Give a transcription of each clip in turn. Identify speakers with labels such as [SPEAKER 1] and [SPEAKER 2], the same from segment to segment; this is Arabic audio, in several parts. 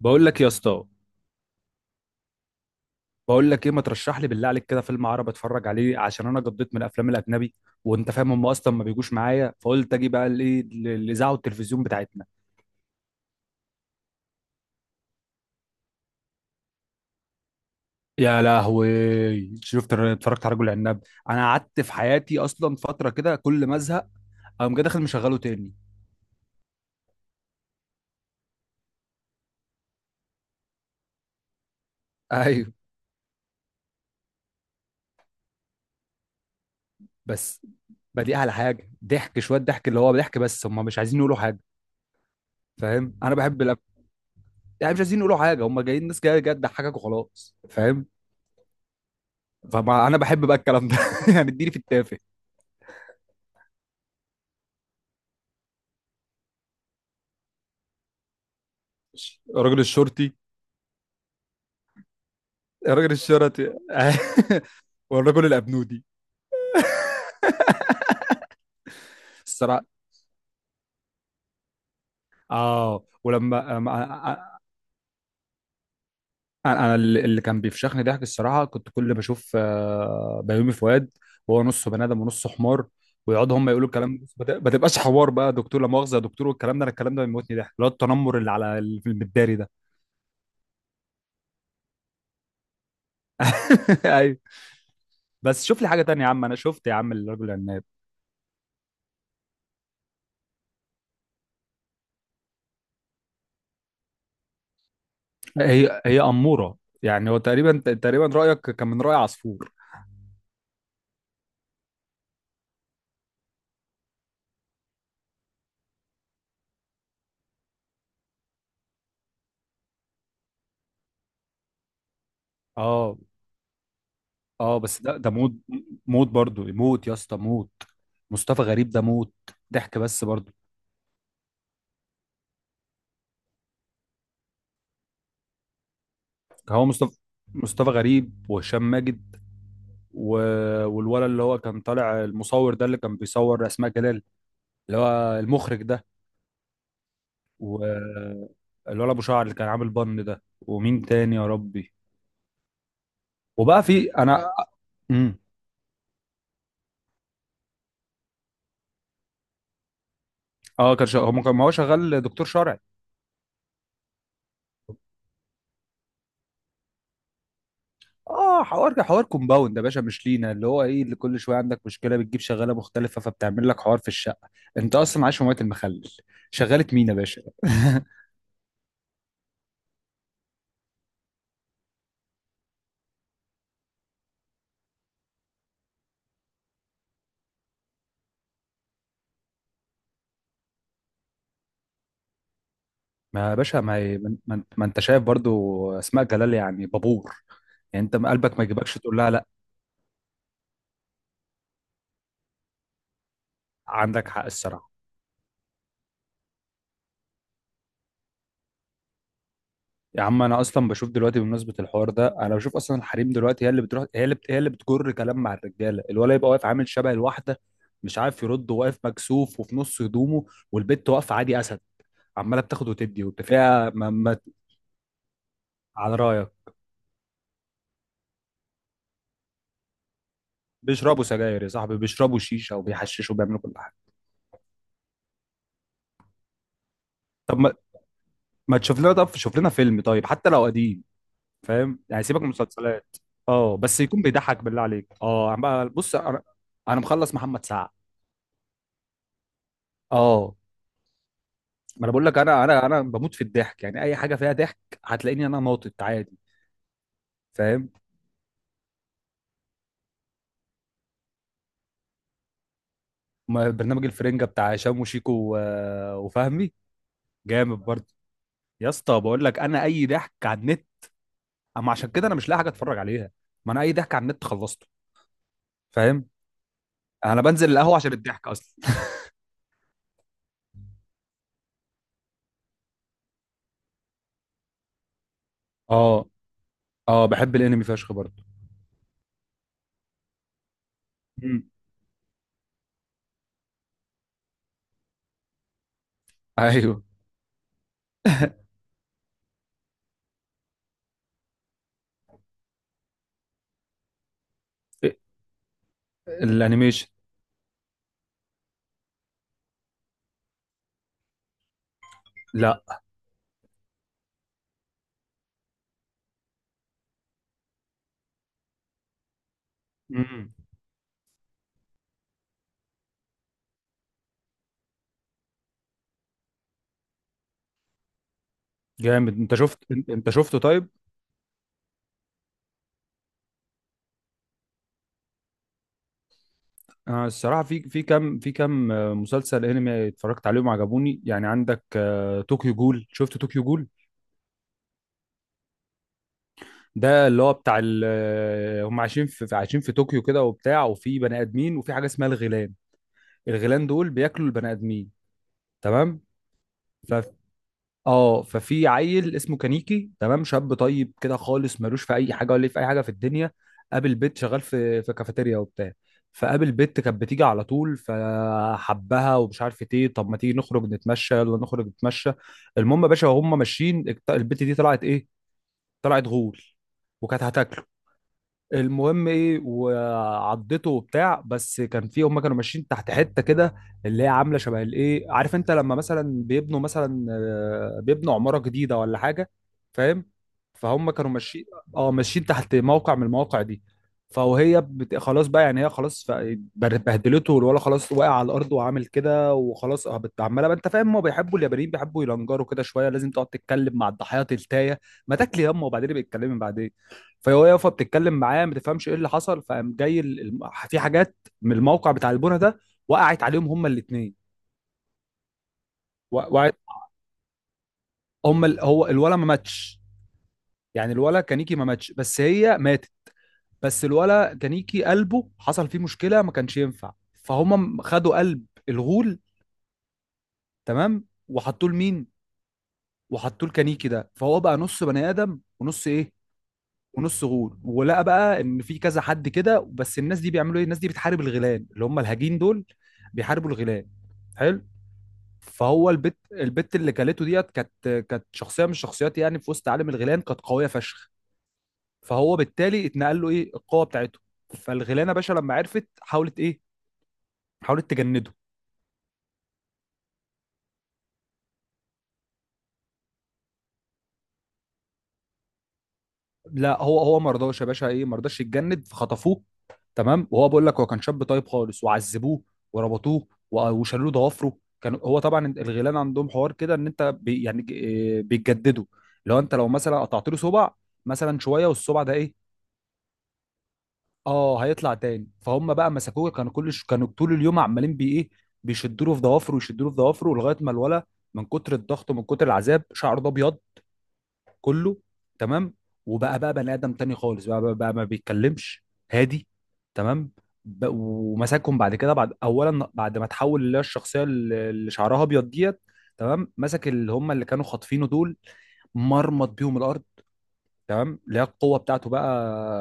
[SPEAKER 1] بقول لك يا اسطى. بقول لك ايه، ما ترشح لي بالله عليك كده فيلم عربي اتفرج عليه عشان انا قضيت من الافلام الاجنبي، وانت فاهم هم اصلا ما بيجوش معايا. فقلت اجي بقى الاذاعه والتلفزيون بتاعتنا. يا لهوي، شفت، اتفرجت على رجل عناب. انا قعدت في حياتي اصلا فتره كده كل ما ازهق اقوم جاي داخل مشغله تاني. ايوه. بس بدي على حاجه ضحك، شويه ضحك، اللي هو ضحك، بس هم مش عايزين يقولوا حاجه، فاهم. يعني مش عايزين يقولوا حاجه، هم جايين، ناس جايه جايه تضحكك وخلاص، فاهم. فما انا بحب بقى الكلام ده يعني اديني في التافه. الراجل الشرطي. الراجل الشرطي. والرجل الابنودي. الصراحه. اه، ولما أم- أ- أ- انا اللي كان بيفشخني ضحك الصراحه، كنت كل ما اشوف بيومي فؤاد وهو نصه بني ادم ونصه حمار، ويقعدوا هم يقولوا الكلام ده، بس ما تبقاش حوار بقى. دكتور لا مؤاخذه يا دكتور، والكلام ده، انا الكلام ده بيموتني ضحك، اللي هو التنمر اللي في المداري ده. ايوه. بس شوف لي حاجه تانية يا عم، انا شفت يا عم الرجل العناب. هي أمورة، يعني هو تقريبا تقريبا رأيك كان من رأي عصفور. اه. اه بس ده موت، موت برضو، موت يا اسطى، موت. مصطفى غريب ده موت. ضحك بس برضو. هو مصطفى. مصطفى غريب وهشام ماجد و... والولد اللي هو كان طالع المصور ده اللي كان بيصور أسماء جلال، اللي هو المخرج ده، والولد أبو شعر اللي كان عامل بن ده. ومين تاني يا ربي؟ وبقى في أنا مم. اه، كان شغال. هو ما هو شغال دكتور شرعي. اه، حوار كومباوند يا باشا مش لينا، اللي هو ايه، اللي كل شويه عندك مشكله بتجيب شغاله مختلفه فبتعمل لك حوار في الشقه. انت اصلا عايش في مويه المخلل. شغاله مين يا باشا؟ ما يا باشا، ما هي- ما ما- ما انت شايف برضو اسماء جلال يعني بابور. يعني انت قلبك ما يجيبكش تقول لها لا؟ عندك حق الصراحه. يا عم انا اصلا بشوف دلوقتي بمناسبه الحوار ده، انا بشوف اصلا الحريم دلوقتي هي اللي بتروح، هي اللي بتجر كلام مع الرجاله. الولد يبقى واقف عامل شبه الواحده، مش عارف يرد، وواقف مكسوف وفي نص هدومه. والبت واقفه عادي اسد، عماله بتاخد وتدي وبتفيها، ما. على رايك. بيشربوا سجاير يا صاحبي، بيشربوا شيشه وبيحششوا وبيعملوا كل حاجه. طب ما, ما تشوف لنا، طب شوف لنا فيلم طيب حتى لو قديم، فاهم، يعني سيبك من المسلسلات. اه بس يكون بيضحك بالله عليك، اه عم. بص انا، مخلص محمد سعد. اه. ما انا بقول لك انا، انا بموت في الضحك، يعني اي حاجه فيها ضحك هتلاقيني انا ناطط عادي، فاهم. ما برنامج الفرنجه بتاع هشام وشيكو وفهمي جامد برضه. يا اسطى بقول لك انا اي ضحك على النت. اما عشان كده انا مش لاقي حاجه اتفرج عليها، ما انا اي ضحك على النت خلصته، فاهم. انا بنزل القهوه عشان الضحك اصلا. اه. اه بحب الانمي فشخ برضه. مم. ايوه. إيه، الانيميشن. لا. مم. جامد، انت شفت، أنت شفته طيب. آه الصراحه، في في كام، في كام مسلسل انمي اتفرجت عليهم عجبوني، يعني عندك آه طوكيو جول، شفت طوكيو جول؟ ده اللي هو بتاع هم عايشين عايشين في طوكيو كده وبتاع، وفي بني ادمين، وفي حاجه اسمها الغيلان. الغيلان دول بياكلوا البني ادمين، تمام. اه ففي عيل اسمه كانيكي، تمام، شاب طيب كده خالص، ملوش في اي حاجه ولا ليه في اي حاجه في الدنيا. قابل بنت شغال في كافيتيريا وبتاع. فقابل بنت كانت بتيجي على طول، فحبها ومش عارف ايه. طب ما تيجي نخرج نتمشى، يلا نخرج نتمشى. المهم يا باشا وهم ماشيين، البنت دي طلعت ايه، طلعت غول، وكانت هتاكله. المهم ايه، وعضته وبتاع، بس كان في، هم كانوا ماشيين تحت حته كده اللي هي عامله شبه الايه، عارف انت لما مثلا بيبنوا مثلا بيبنوا عماره جديده ولا حاجه، فاهم. فهم كانوا ماشيين، اه ماشيين تحت موقع من المواقع دي. فهي خلاص بقى، يعني هي خلاص، بهدلته، والولا خلاص واقع على الارض وعامل كده وخلاص، اه عماله بقى. انت فاهم، ما بيحبوا اليابانيين بيحبوا يلنجروا كده شويه، لازم تقعد تتكلم مع الضحايا تلتايه، ما تاكلي يما وبعدين بيتكلمي بعدين. فهو يافا بتتكلم معاه، ما تفهمش ايه اللي حصل. فقام جاي في حاجات من الموقع بتاع البنا ده، وقعت عليهم هما الاثنين، وقعت. هو الولا ما ماتش يعني، الولا كانيكي ما ماتش، بس هي ماتت. بس الولا كانيكي قلبه حصل فيه مشكله ما كانش ينفع، فهم خدوا قلب الغول، تمام، وحطوه لمين، وحطوه لكانيكي ده. فهو بقى نص بني ادم ونص ايه، ونص غول. ولقى بقى ان في كذا حد كده، بس الناس دي بيعملوا ايه، الناس دي بتحارب الغيلان اللي هم الهجين دول. بيحاربوا الغيلان. حلو. فهو البت، اللي كلته ديت كانت، كانت شخصيه من الشخصيات يعني، في وسط عالم الغيلان كانت قويه فشخ. فهو بالتالي اتنقل له ايه، القوه بتاعته. فالغيلانه باشا لما عرفت حاولت ايه، حاولت تجنده. لا هو ما رضاش يا باشا، ايه ما رضاش يتجند فخطفوه، تمام. وهو بقول لك هو كان شاب طيب خالص، وعذبوه وربطوه وشالوا له ضوافره. كان هو طبعا الغيلان عندهم حوار كده ان انت بي يعني ج- إيه بيتجددوا. لو انت لو مثلا قطعت له صبع مثلا شويه والصبع ده ايه، اه هيطلع تاني. فهم بقى مسكوه، كانوا طول اليوم عمالين بي ايه، بيشدوا له في ضوافره، ويشدوا له في ضوافره، لغايه ما الولا من كتر الضغط ومن كتر العذاب شعره ده ابيض كله، تمام. وبقى بني ادم تاني خالص، بقى ما بيتكلمش، هادي، تمام. ومسكهم بعد كده، بعد اولا، بعد ما تحول اللي هي الشخصيه اللي شعرها ابيض ديت، تمام. مسك اللي هم اللي كانوا خاطفينه دول، مرمط بيهم الارض، تمام. اللي هي القوه بتاعته بقى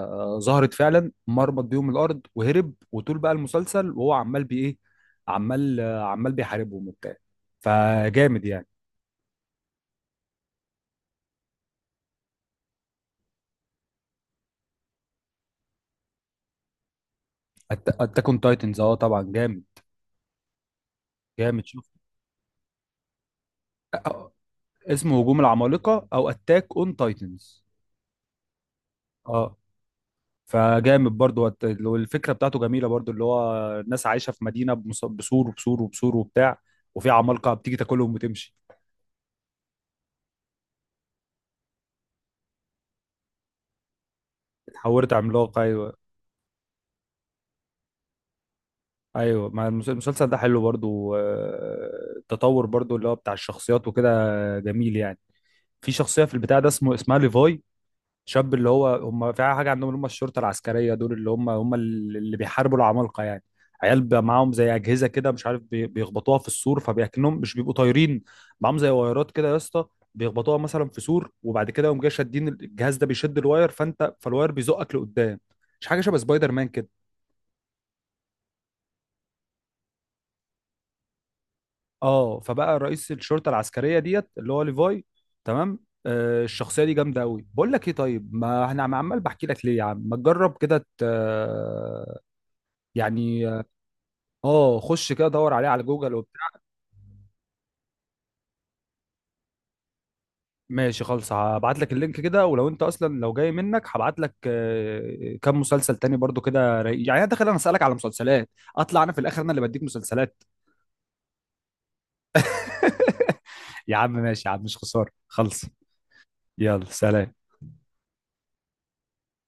[SPEAKER 1] ظهرت فعلا، مرمط بيهم الارض وهرب. وطول بقى المسلسل وهو عمال بايه، عمال بيحاربهم وبتاع، فجامد يعني. اتاك اون تايتنز، اه طبعا جامد، جامد شوف. آه، اسمه هجوم العمالقه او اتاك اون تايتنز. اه فجامد برضو، والفكره بتاعته جميله برضو، اللي هو الناس عايشه في مدينه بسور، وبسور، وبسور، وبتاع، وفي عمالقه بتيجي تاكلهم وتمشي. اتحولت عملاقه ايوه. ايوه مع المسلسل ده حلو برضو، التطور برضو اللي هو بتاع الشخصيات وكده، جميل يعني. في شخصيه في البتاع ده اسمه، اسمها ليفاي، شاب اللي هو هم في حاجه عندهم اللي هم الشرطه العسكريه دول اللي هم اللي بيحاربوا العمالقه يعني. عيال بقى معاهم زي اجهزه كده، مش عارف بيخبطوها في السور فبيكنهم مش بيبقوا طايرين. معاهم زي وايرات كده يا اسطى، بيخبطوها مثلا في سور، وبعد كده يقوم جاي شادين الجهاز ده، بيشد الواير، فانت، فالواير بيزقك لقدام. مش حاجه شبه سبايدر مان كده؟ اه فبقى رئيس الشرطه العسكريه ديت اللي هو ليفاي، تمام. آه الشخصيه دي جامده قوي. بقول لك ايه طيب، ما انا عمال بحكي لك ليه يا عم، ما تجرب كده يعني. اه خش كده دور عليه على جوجل وبتاع. ماشي خالص، هبعت لك اللينك كده. ولو انت اصلا لو جاي منك هبعت لك كام مسلسل تاني برضو كده رايق. يعني انا داخل انا اسالك على مسلسلات، اطلع انا في الاخر انا اللي بديك مسلسلات. يا عم ماشي يا عم، مش خساره، خلص. يلا سلام.